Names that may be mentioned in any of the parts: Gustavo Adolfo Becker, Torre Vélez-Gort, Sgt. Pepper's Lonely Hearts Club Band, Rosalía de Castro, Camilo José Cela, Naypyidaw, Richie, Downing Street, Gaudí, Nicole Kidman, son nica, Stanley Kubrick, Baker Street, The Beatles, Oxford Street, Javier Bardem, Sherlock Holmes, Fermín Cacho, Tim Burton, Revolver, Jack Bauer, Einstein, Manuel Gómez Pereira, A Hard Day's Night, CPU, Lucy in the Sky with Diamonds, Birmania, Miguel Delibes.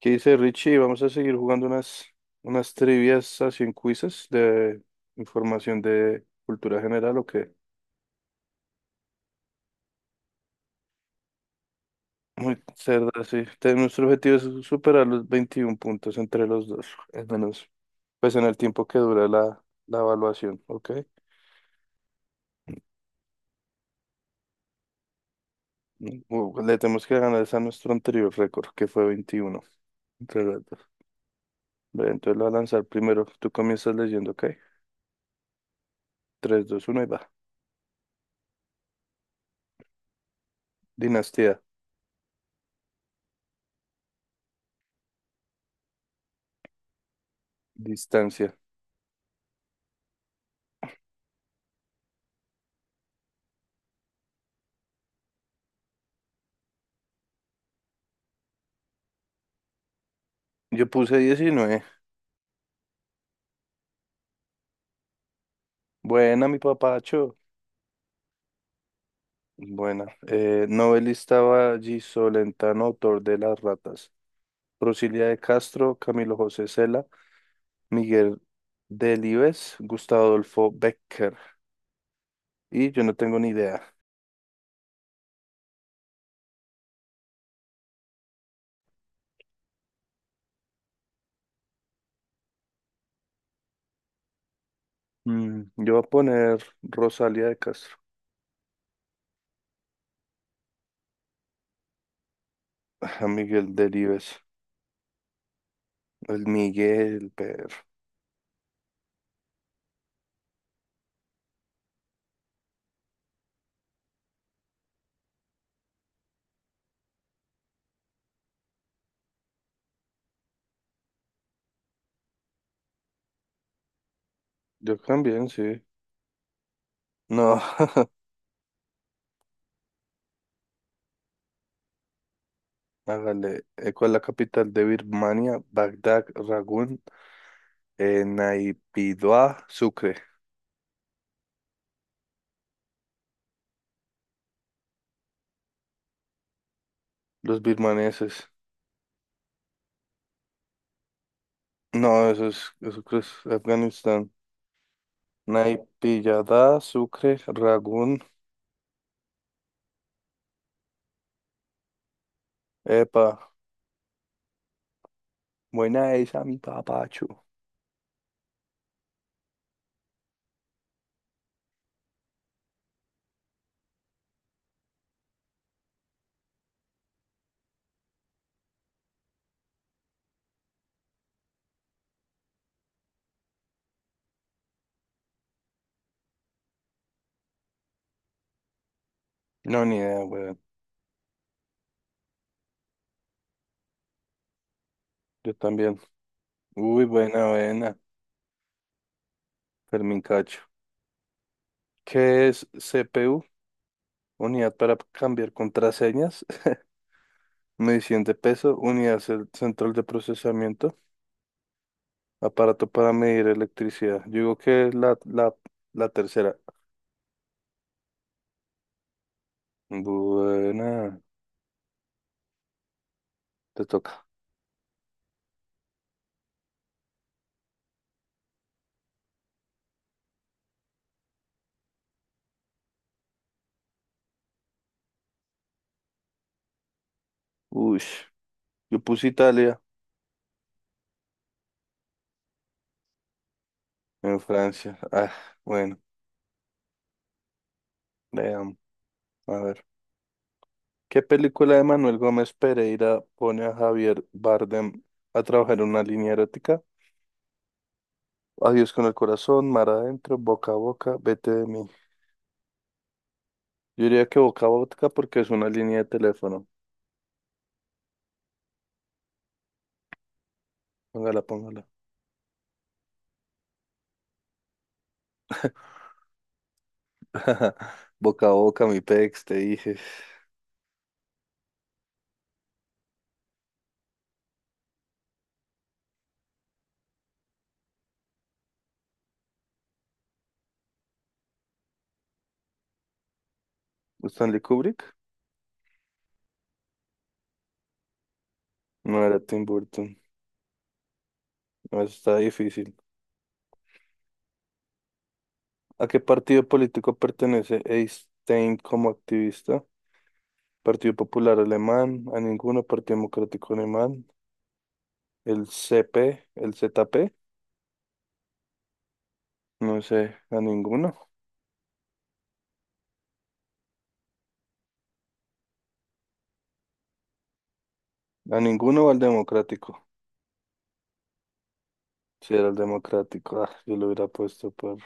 ¿Qué dice Richie? Vamos a seguir jugando unas trivias así en quizzes de información de cultura general o qué. Muy cerda, sí. Te- Nuestro objetivo es superar los 21 puntos entre los dos, al menos, pues en el tiempo que dura la evaluación, ¿ok? Le tenemos que ganar esa a nuestro anterior récord, que fue 21 entre los dos. Ve, entonces lo voy a lanzar primero. Tú comienzas leyendo, ¿ok? 3 2 1 y va. Dinastía, distancia. Yo puse 19. Buena, mi papacho. Buena. Novelista Valle Solentano, autor de Las Ratas. Rosilia de Castro, Camilo José Cela, Miguel Delibes, Gustavo Adolfo Becker. Y yo no tengo ni idea. Yo voy a poner Rosalia de Castro. A Miguel Delibes. El Miguel, pero. Yo también, sí. No, hágale. ¿Cuál es la capital de Birmania? Bagdad, Ragún, Naypyidaw, Sucre. Los birmaneses. No, eso es, eso creo es Afganistán. Naipillada, Sucre, Ragún. Epa, buena esa, mi papacho. No, ni idea, weón. Yo también. Uy, buena, buena. Fermín Cacho. ¿Qué es CPU? Unidad para cambiar contraseñas. Medición de peso. Unidad cel- central de procesamiento. Aparato para medir electricidad. Yo digo que es la tercera. Buena. Te toca. Uy, yo puse Italia. En Francia. Ah, bueno, veamos. A ver. ¿Qué película de Manuel Gómez Pereira pone a Javier Bardem a trabajar en una línea erótica? Adiós con el corazón, mar adentro, boca a boca, vete de mí. Yo diría que boca a boca porque es una línea de teléfono. Póngala, póngala. Boca a boca, mi pex, te dije. ¿Stanley Kubrick? No era Tim Burton. No, eso está difícil. ¿A qué partido político pertenece Einstein como activista? Partido Popular Alemán, a ninguno, Partido Democrático Alemán, el CP, el ZP, no sé, a ninguno o al Democrático, si era el Democrático, ah, yo lo hubiera puesto por,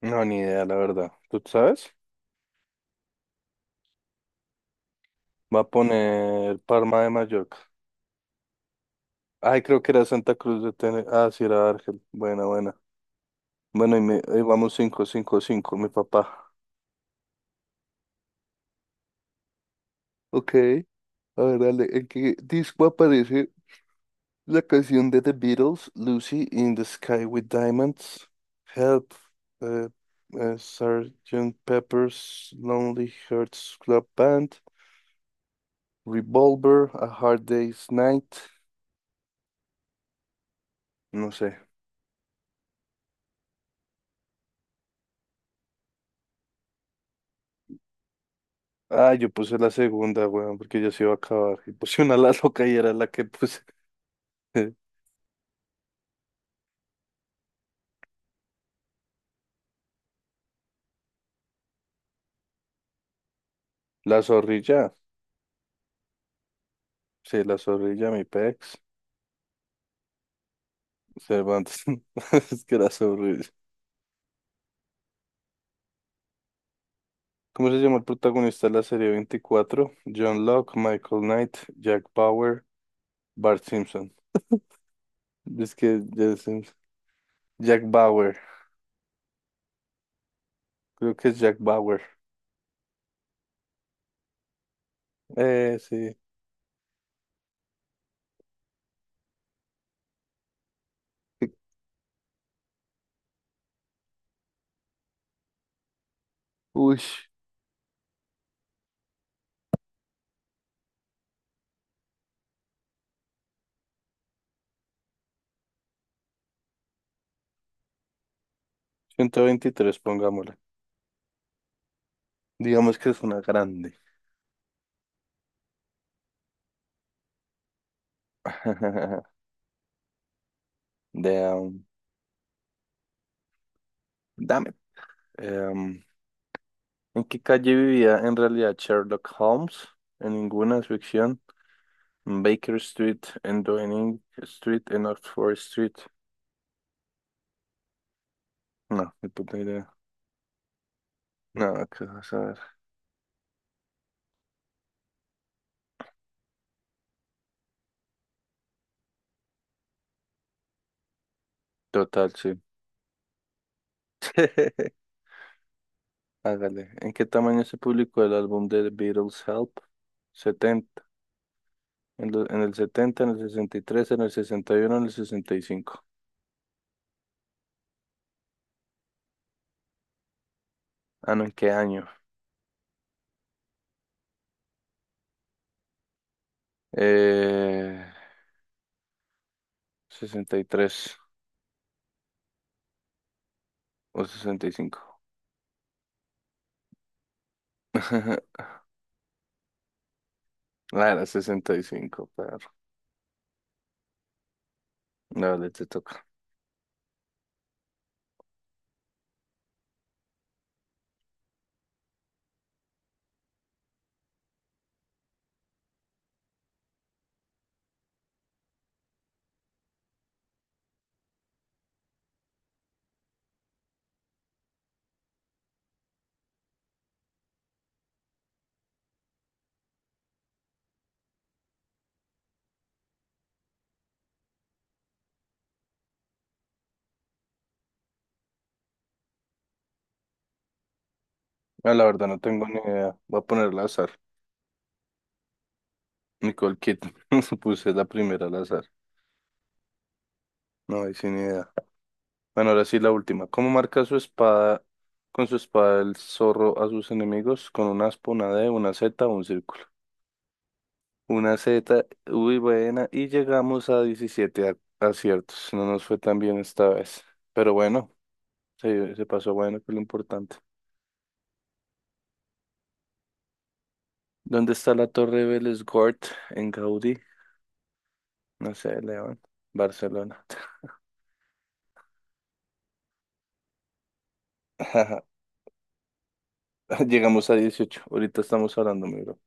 no, ni idea, la verdad, ¿tú sabes? Va a poner Parma de Mallorca, ay, creo que era Santa Cruz de Tenerife, ah, sí, era Argel, buena, buena, bueno, y me, ahí vamos 5 5 5, mi papá, ok, a ver, dale, ¿en qué disco aparece la canción de The Beatles, Lucy in the Sky with Diamonds, Help, eh, Sgt. Pepper's Lonely Hearts Club Band, Revolver, A Hard Day's Night, no sé. Ah, yo puse la segunda, weón, porque ya se iba a acabar. Y puse una la loca y era la que puse. La zorrilla, sí, la zorrilla, mi pex. Cervantes, es que era zorrilla. ¿Cómo se llama el protagonista de la serie 24? John Locke, Michael Knight, Jack Bauer, Bart Simpson. Es que ya es- Jack Bauer. Creo que es Jack Bauer. Sí. Uy, 123 pongámosle. Digamos que es una grande. De, um, dame. Em, ¿En qué calle vivía en realidad Sherlock Holmes? En ninguna es ficción. En Baker Street, en Downing Street, en Oxford Street. No, ni puta idea. No, qué vas a ver. Total, sí. Hágale. ¿En qué tamaño se publicó el álbum de The Beatles Help? 70. En, lo- en el 70, en el 63, en el 61, en el 65. Ah, no, ¿en qué año? Eh, sesenta y tres o 65. Ah, era 65, pero. Dale, te toca. Ah, la verdad no tengo ni idea. Voy a ponerla al azar. Nicole Kidman. Puse la primera al azar. No hay sin idea. Bueno, ahora sí la última. ¿Cómo marca su espada, con su espada el zorro a sus enemigos? Con una aspa, una D, una Z o un círculo. Una Z, uy, buena. Y llegamos a 17 a- aciertos. No nos fue tan bien esta vez. Pero bueno, se pasó bueno, que es lo importante. ¿Dónde está la Torre Vélez-Gort en Gaudí? No sé, León. Barcelona. Llegamos a 18. Ahorita estamos hablando, mi bro.